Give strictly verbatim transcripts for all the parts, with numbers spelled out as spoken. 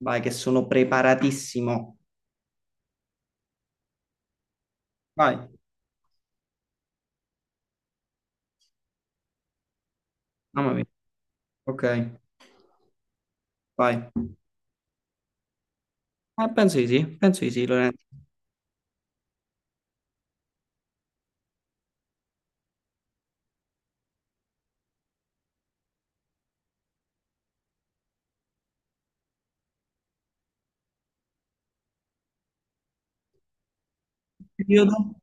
Vai, che sono preparatissimo. Vai, mamma mia. Ok, vai. Eh, penso di sì, penso di sì, Lorenzo. Che periodo?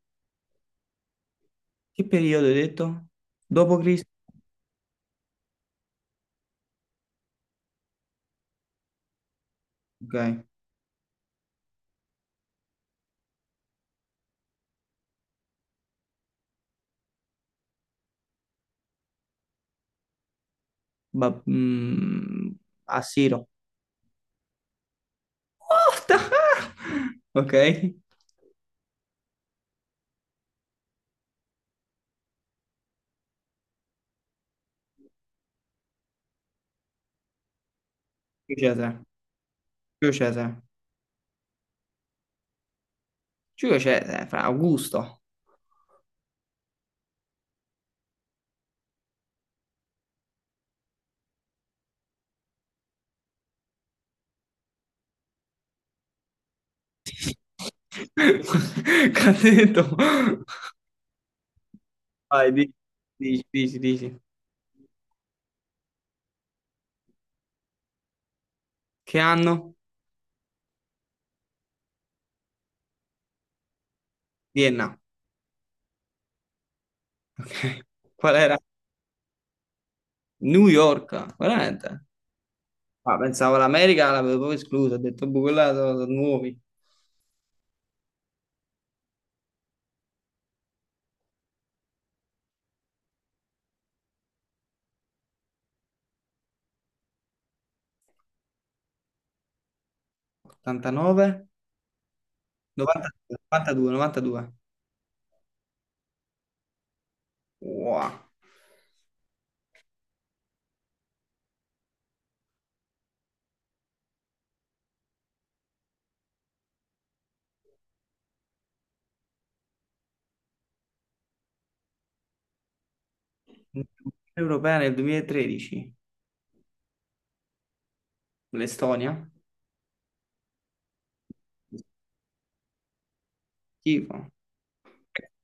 Che periodo hai detto? Dopo Cristo? Ok. Ba- mm, Assiro. What the hell? Ok. Giulio Cesare. Giulio Cesare. Giulio Cesare, fra Augusto. Che ha detto? Vai, di- dici, dici, dici. Che anno? Vienna. Ok. Qual era? New York, veramente. Ah, pensavo l'America l'avevo proprio esclusa, ho detto, boh, quella sono, sono nuovi. ottantanove, novantadue, novantadue, novantadue. Wow. Unione Europea nel duemilatredici, l'Estonia. Schifo.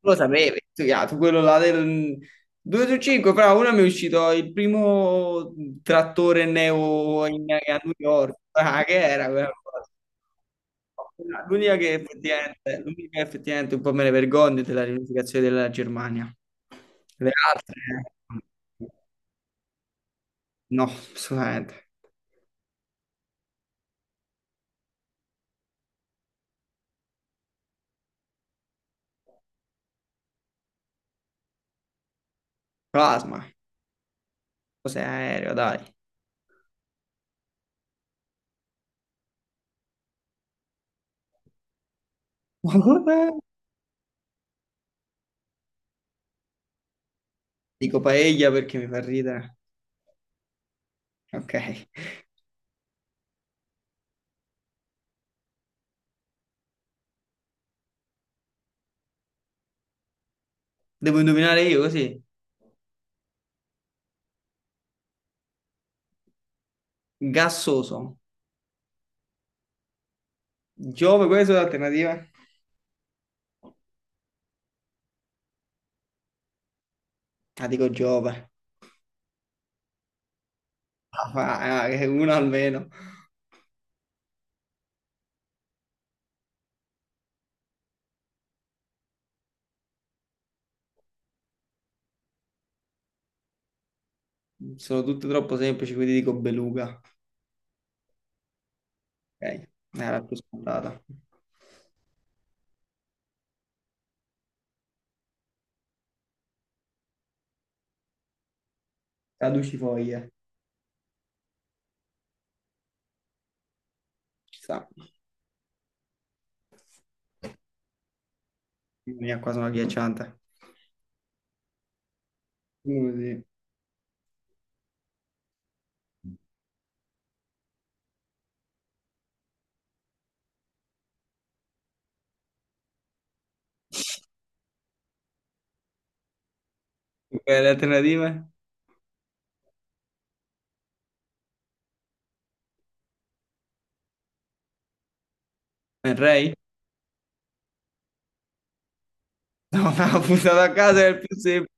Lo sapevi, tu, ya, tu quello là del due su cinque, fra uno mi è uscito il primo trattore neo in- a New York. Ah, che era quella cosa? L'unica che effettivamente, l'unica che effettivamente un po' me ne vergogno è della riunificazione della Germania. Le altre? No, assolutamente. Plasma, cos'è aereo, dai. Ma guarda, dico paella perché mi fa ridere. Ok. Devo indovinare io così. Gassoso. Giove, queste sono le alternative? Ah, dico Giove. Ah, fa- ah, che una almeno. Sono tutte troppo semplici, quindi dico beluga. Ok, era più scontata. Caducifoglie. Ci sta. Mia, qua sono agghiacciante. Così. Ok, le alternative? Ray? Una puntata a casa è il più semplice.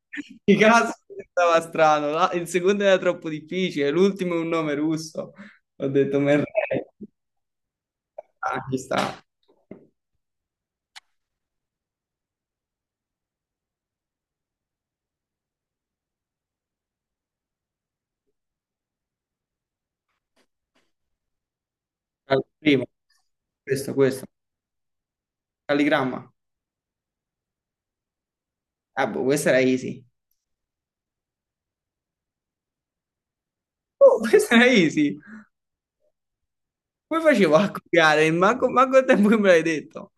I casi sembrava strano, la- il secondo era troppo difficile, l'ultimo è un nome russo. Ho detto Merlei. Ah, ci sta. Ah, il primo. Questo, questo. Calligramma. Ah, boh, questa era easy. Oh, questa era easy. Come facevo a copiare? Manco, manco il tempo che me l'hai detto.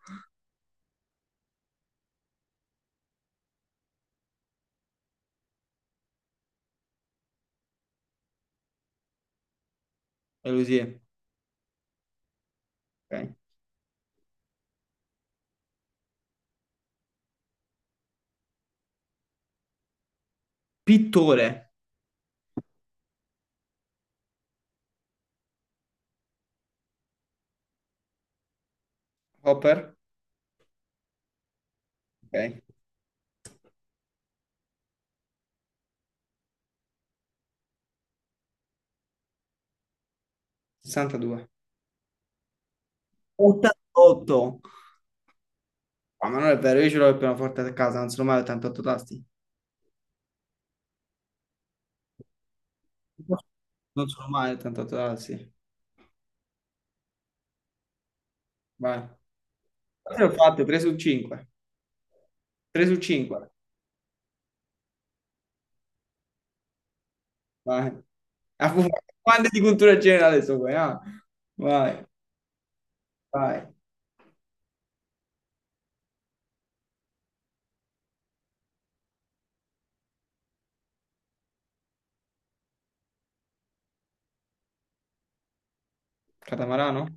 Elusie. Ok. Pittore. Hopper. Ok. sessantadue. ottantotto. Ah, ma non è vero, io ce l'ho il pianoforte a casa, non sono mai ottantotto tasti. Non sono mai tanto totale, sì. Vai. Cosa ho fatto? tre su cinque. tre su cinque. Vai. Ah, fu- Quante di cultura generale sono qua? Ah? Vai, vai. Catamarano?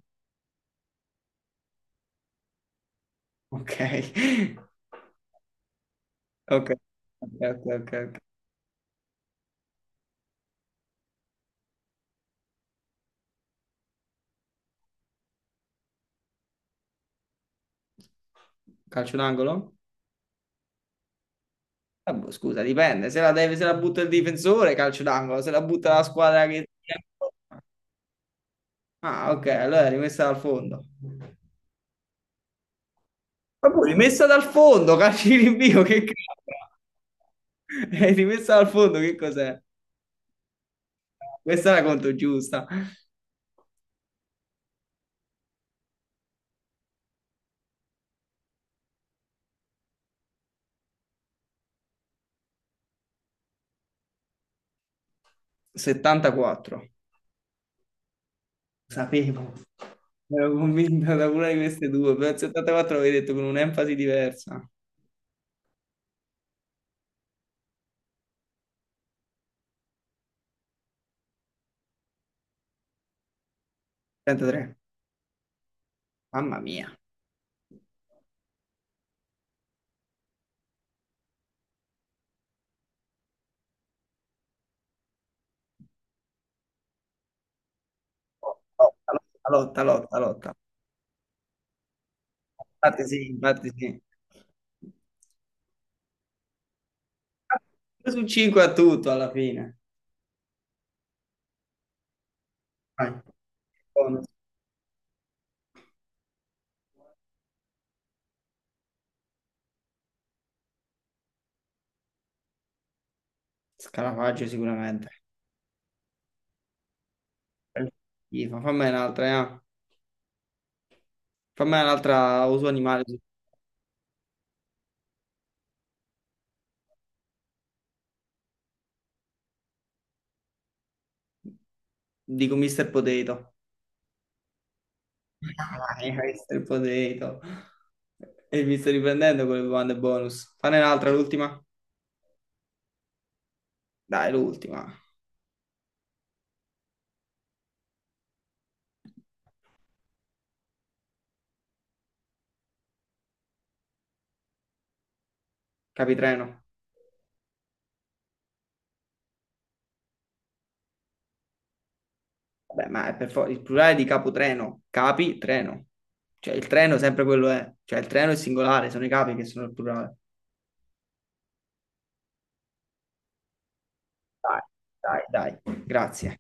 Ok. Ok. Ok, ok, ok, ok. Calcio d'angolo? Ah, boh, scusa, dipende. Se la, deve- se la butta il difensore, calcio d'angolo. Se la butta la squadra che... Ah, ok, allora è rimessa dal fondo. Ma poi rimessa dal fondo, calcio di rinvio, che cazzo? E rimessa al fondo, che cos'è? Questa è la conto giusta. settantaquattro. Sapevo. Ero convinta da una di queste due, però il settantaquattro l'avevi detto con un'enfasi diversa. trentatré. Mamma mia. Lotta, lotta, lotta, lotta. Infatti sì, infatti sì. Due su cinque a tutto alla fine. Vai. Bonus. Scarafaggio sicuramente. Schifo. Fammene un'altra, eh. Fammene un'altra uso animale. Dico mister Potato. Dai, mister Potato. E mi sto riprendendo con le domande bonus. Fane un'altra, l'ultima? Dai, l'ultima. Capitreno. Vabbè, ma è per forza il plurale di capotreno. Capitreno. Cioè, il treno sempre quello è. Cioè, il treno è singolare, sono i capi che sono il plurale. Dai, dai, dai. Grazie.